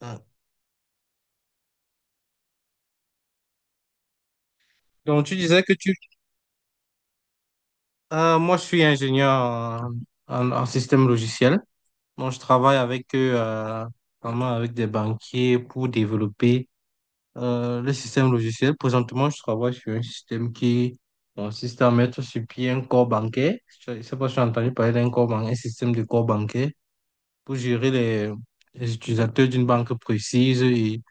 Ah. Donc, tu disais que tu... Ah, moi, je suis ingénieur en système logiciel. Donc, je travaille avec eux, vraiment avec des banquiers pour développer le système logiciel. Présentement, je travaille sur un système qui consiste à mettre sur pied un corps bancaire. Je ne sais pas si tu as entendu parler d'un un système de corps bancaire pour gérer les utilisateurs d'une banque précise et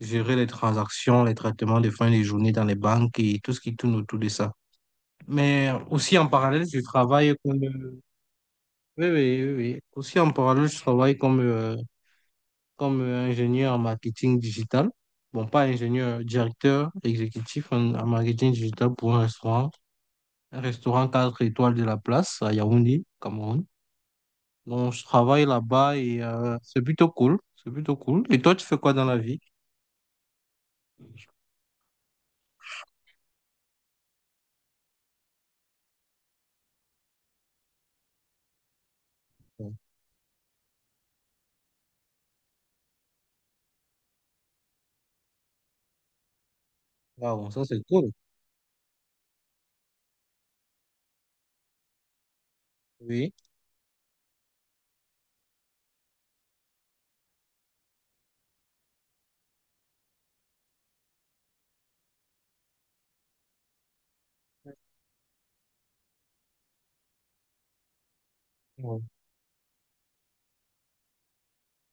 gérer les transactions, les traitements de fin de journée dans les banques et tout ce qui tourne autour de ça. Mais aussi en parallèle, je travaille comme. Oui, oui, oui, oui. Aussi en parallèle, je travaille comme ingénieur en marketing digital. Bon, pas ingénieur, directeur exécutif en marketing digital pour un restaurant. Un restaurant 4 étoiles de la place à Yaoundé, Cameroun. Donc, je travaille là-bas et c'est plutôt cool. C'est plutôt cool. Et toi, tu fais quoi dans la vie? Waouh, ça c'est cool. Oui.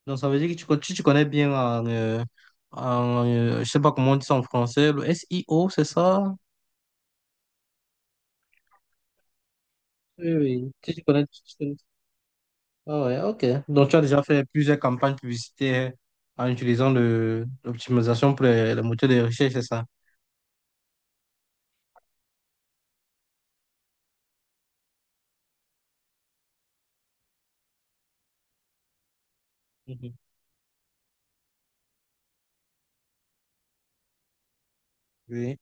Donc, ça veut dire que si tu connais bien en, je sais pas comment on dit ça en français, le SIO c'est ça? Oui, oui. Si tu connais, Ah ouais, ok. Donc, tu as déjà fait plusieurs campagnes publicitaires en utilisant l'optimisation pour les moteurs de recherche, c'est ça? Mhm. Oui.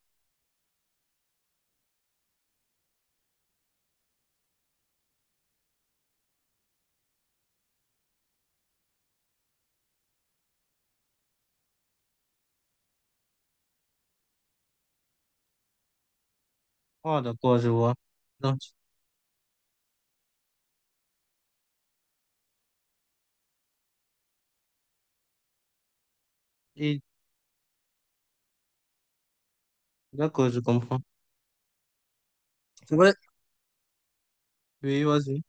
Ah, d'accord, je vois. Donc, et- d'accord, je comprends. C'est vrai. Oui, vas-y.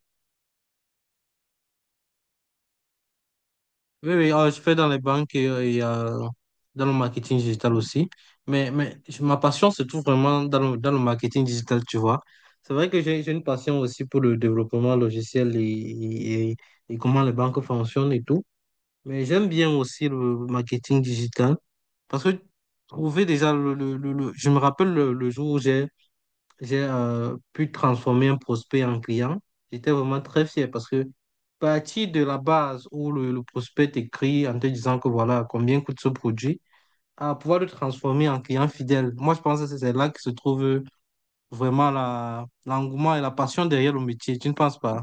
Oui, oui, je fais dans les banques et dans le marketing digital aussi. Mais ma passion se trouve vraiment dans le marketing digital, tu vois. C'est vrai que j'ai une passion aussi pour le développement logiciel et comment les banques fonctionnent et tout. Mais j'aime bien aussi le marketing digital parce que trouver déjà je me rappelle le jour où j'ai pu transformer un prospect en client. J'étais vraiment très fier parce que partir de la base où le prospect t'écrit en te disant que voilà combien coûte ce produit, à pouvoir le transformer en client fidèle. Moi, je pense que c'est là que se trouve vraiment l'engouement et la passion derrière le métier. Tu ne penses pas?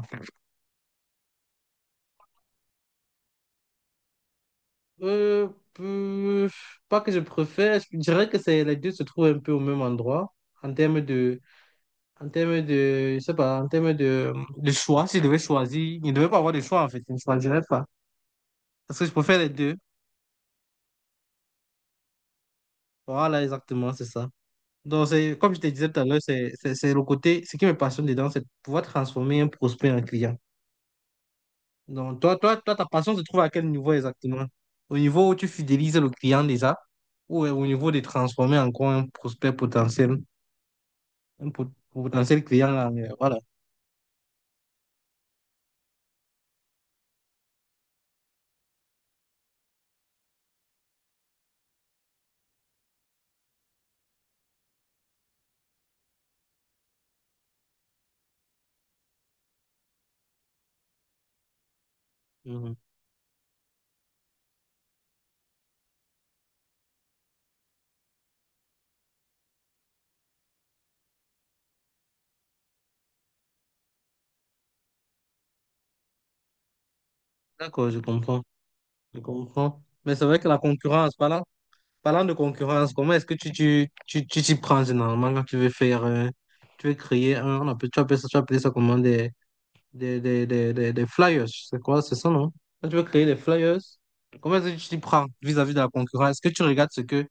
Euh, euh, Pas que je préfère, je dirais que c'est, les deux se trouvent un peu au même endroit en termes de en termes de, je sais pas, en termes de choix, si je devais choisir, il ne devait pas avoir de choix en fait, je ne choisirais pas. Parce que je préfère les deux. Voilà, exactement, c'est ça. Donc, c'est, comme je te disais tout à l'heure, c'est le côté, ce qui me passionne dedans, c'est de pouvoir transformer un prospect en client. Donc, toi, ta passion se trouve à quel niveau exactement? Au niveau où tu fidélises le client déjà, ou au niveau de transformer encore un prospect potentiel, un potentiel client, voilà. Mhm. D'accord, je comprends. Je comprends. Mais c'est vrai que la concurrence, parlant de concurrence, comment est-ce que tu t'y prends généralement quand tu veux faire, tu veux créer un, on appelle, tu appelles ça comment des flyers, c'est quoi, c'est ça, non? Quand tu veux créer des flyers, comment est-ce que tu t'y prends vis-à-vis de la concurrence? Est-ce que tu regardes ce que...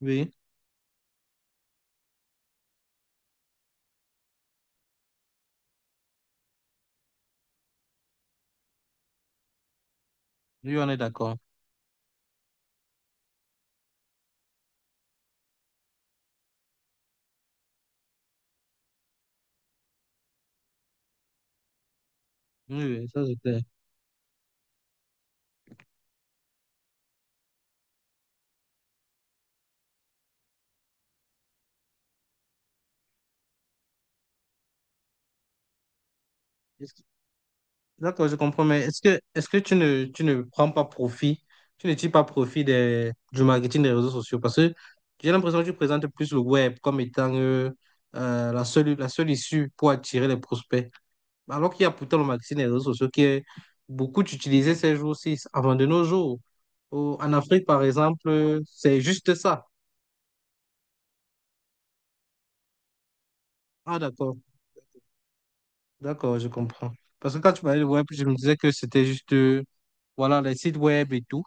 Oui, oui, on est d'accord. Oui, oui, ça c'est clair. Est-ce D'accord, je comprends, mais est-ce que tu ne prends pas profit, tu ne tires pas profit du marketing des réseaux sociaux? Parce que j'ai l'impression que tu présentes plus le web comme étant la seule issue pour attirer les prospects. Alors qu'il y a pourtant le marketing des réseaux sociaux qui est beaucoup utilisé ces jours-ci, avant de nos jours. En Afrique, par exemple, c'est juste ça. Ah, d'accord, d'accord, je comprends. Parce que quand tu parlais de web, je me disais que c'était juste, voilà, les sites web et tout.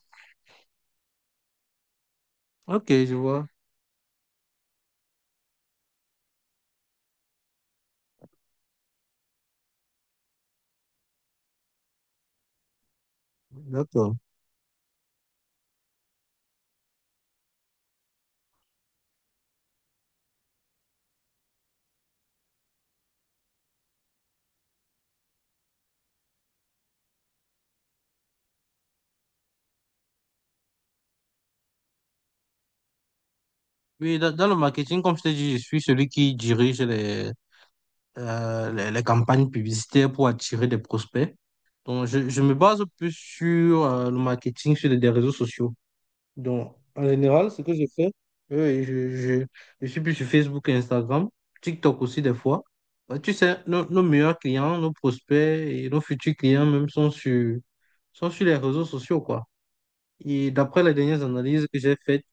Ok, je vois. D'accord. Oui, dans le marketing, comme je t'ai dit, je suis celui qui dirige les campagnes publicitaires pour attirer des prospects. Donc, je me base plus sur le marketing, sur des réseaux sociaux. Donc, en général, ce que je fais, euh, je, je, je suis plus sur Facebook et Instagram, TikTok aussi des fois. Bah, tu sais, nos meilleurs clients, nos prospects et nos futurs clients même sont sur les réseaux sociaux, quoi. Et d'après les dernières analyses que j'ai faites,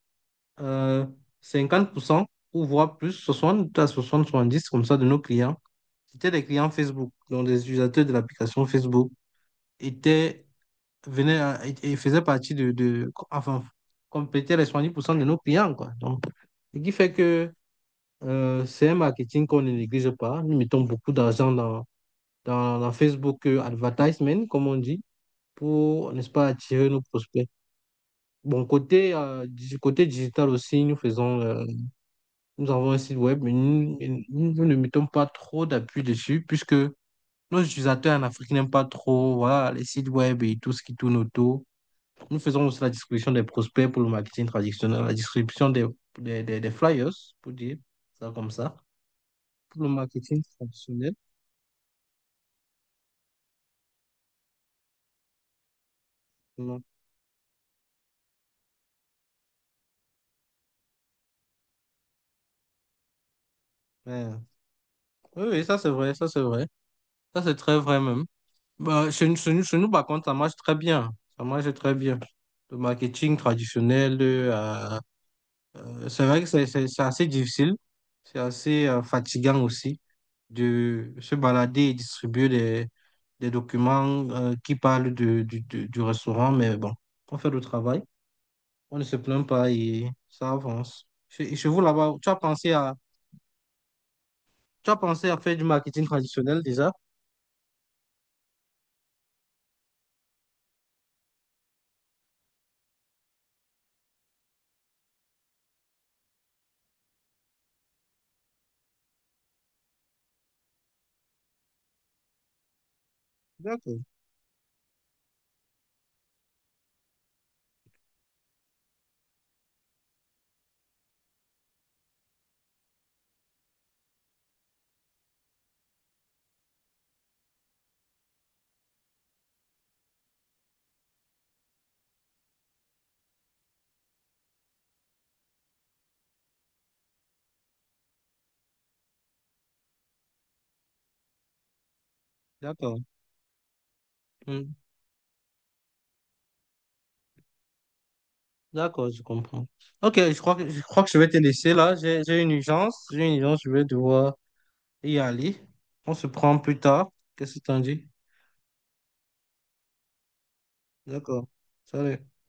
euh, 50% ou voire plus, 60 à soixante dix comme ça de nos clients, c'était des clients Facebook, donc des utilisateurs de l'application Facebook, étaient, et faisaient partie de enfin, complétaient les 70% de nos clients, quoi. Donc, ce qui fait que c'est un marketing qu'on ne néglige pas. Nous mettons beaucoup d'argent dans Facebook Advertisement, comme on dit, pour, n'est-ce pas, attirer nos prospects. Bon, côté digital aussi, nous faisons. Nous avons un site web, mais nous ne mettons pas trop d'appui dessus puisque nos utilisateurs en Afrique n'aiment pas trop, voilà, les sites web et tout ce qui tourne autour. Nous faisons aussi la distribution des prospects pour le marketing traditionnel, la distribution des flyers, pour dire ça comme ça, pour le marketing traditionnel. Non. Mais, oui, oui, ça c'est vrai, ça c'est vrai. Ça c'est très vrai même. Bah, chez nous, par contre, ça marche très bien. Ça marche très bien. Le marketing traditionnel, c'est vrai que c'est assez difficile, c'est assez fatigant aussi de se balader et distribuer des documents qui parlent du restaurant, mais bon, on fait le travail, on ne se plaint pas et ça avance. Chez vous là-bas, tu as pensé à faire du marketing traditionnel déjà? D'accord, d'accord. Hmm, d'accord, je comprends. Ok, je crois que je vais te laisser là. J'ai une urgence, j'ai une urgence, je vais devoir y aller. On se prend plus tard. Qu'est-ce que t'en dis? D'accord. Salut.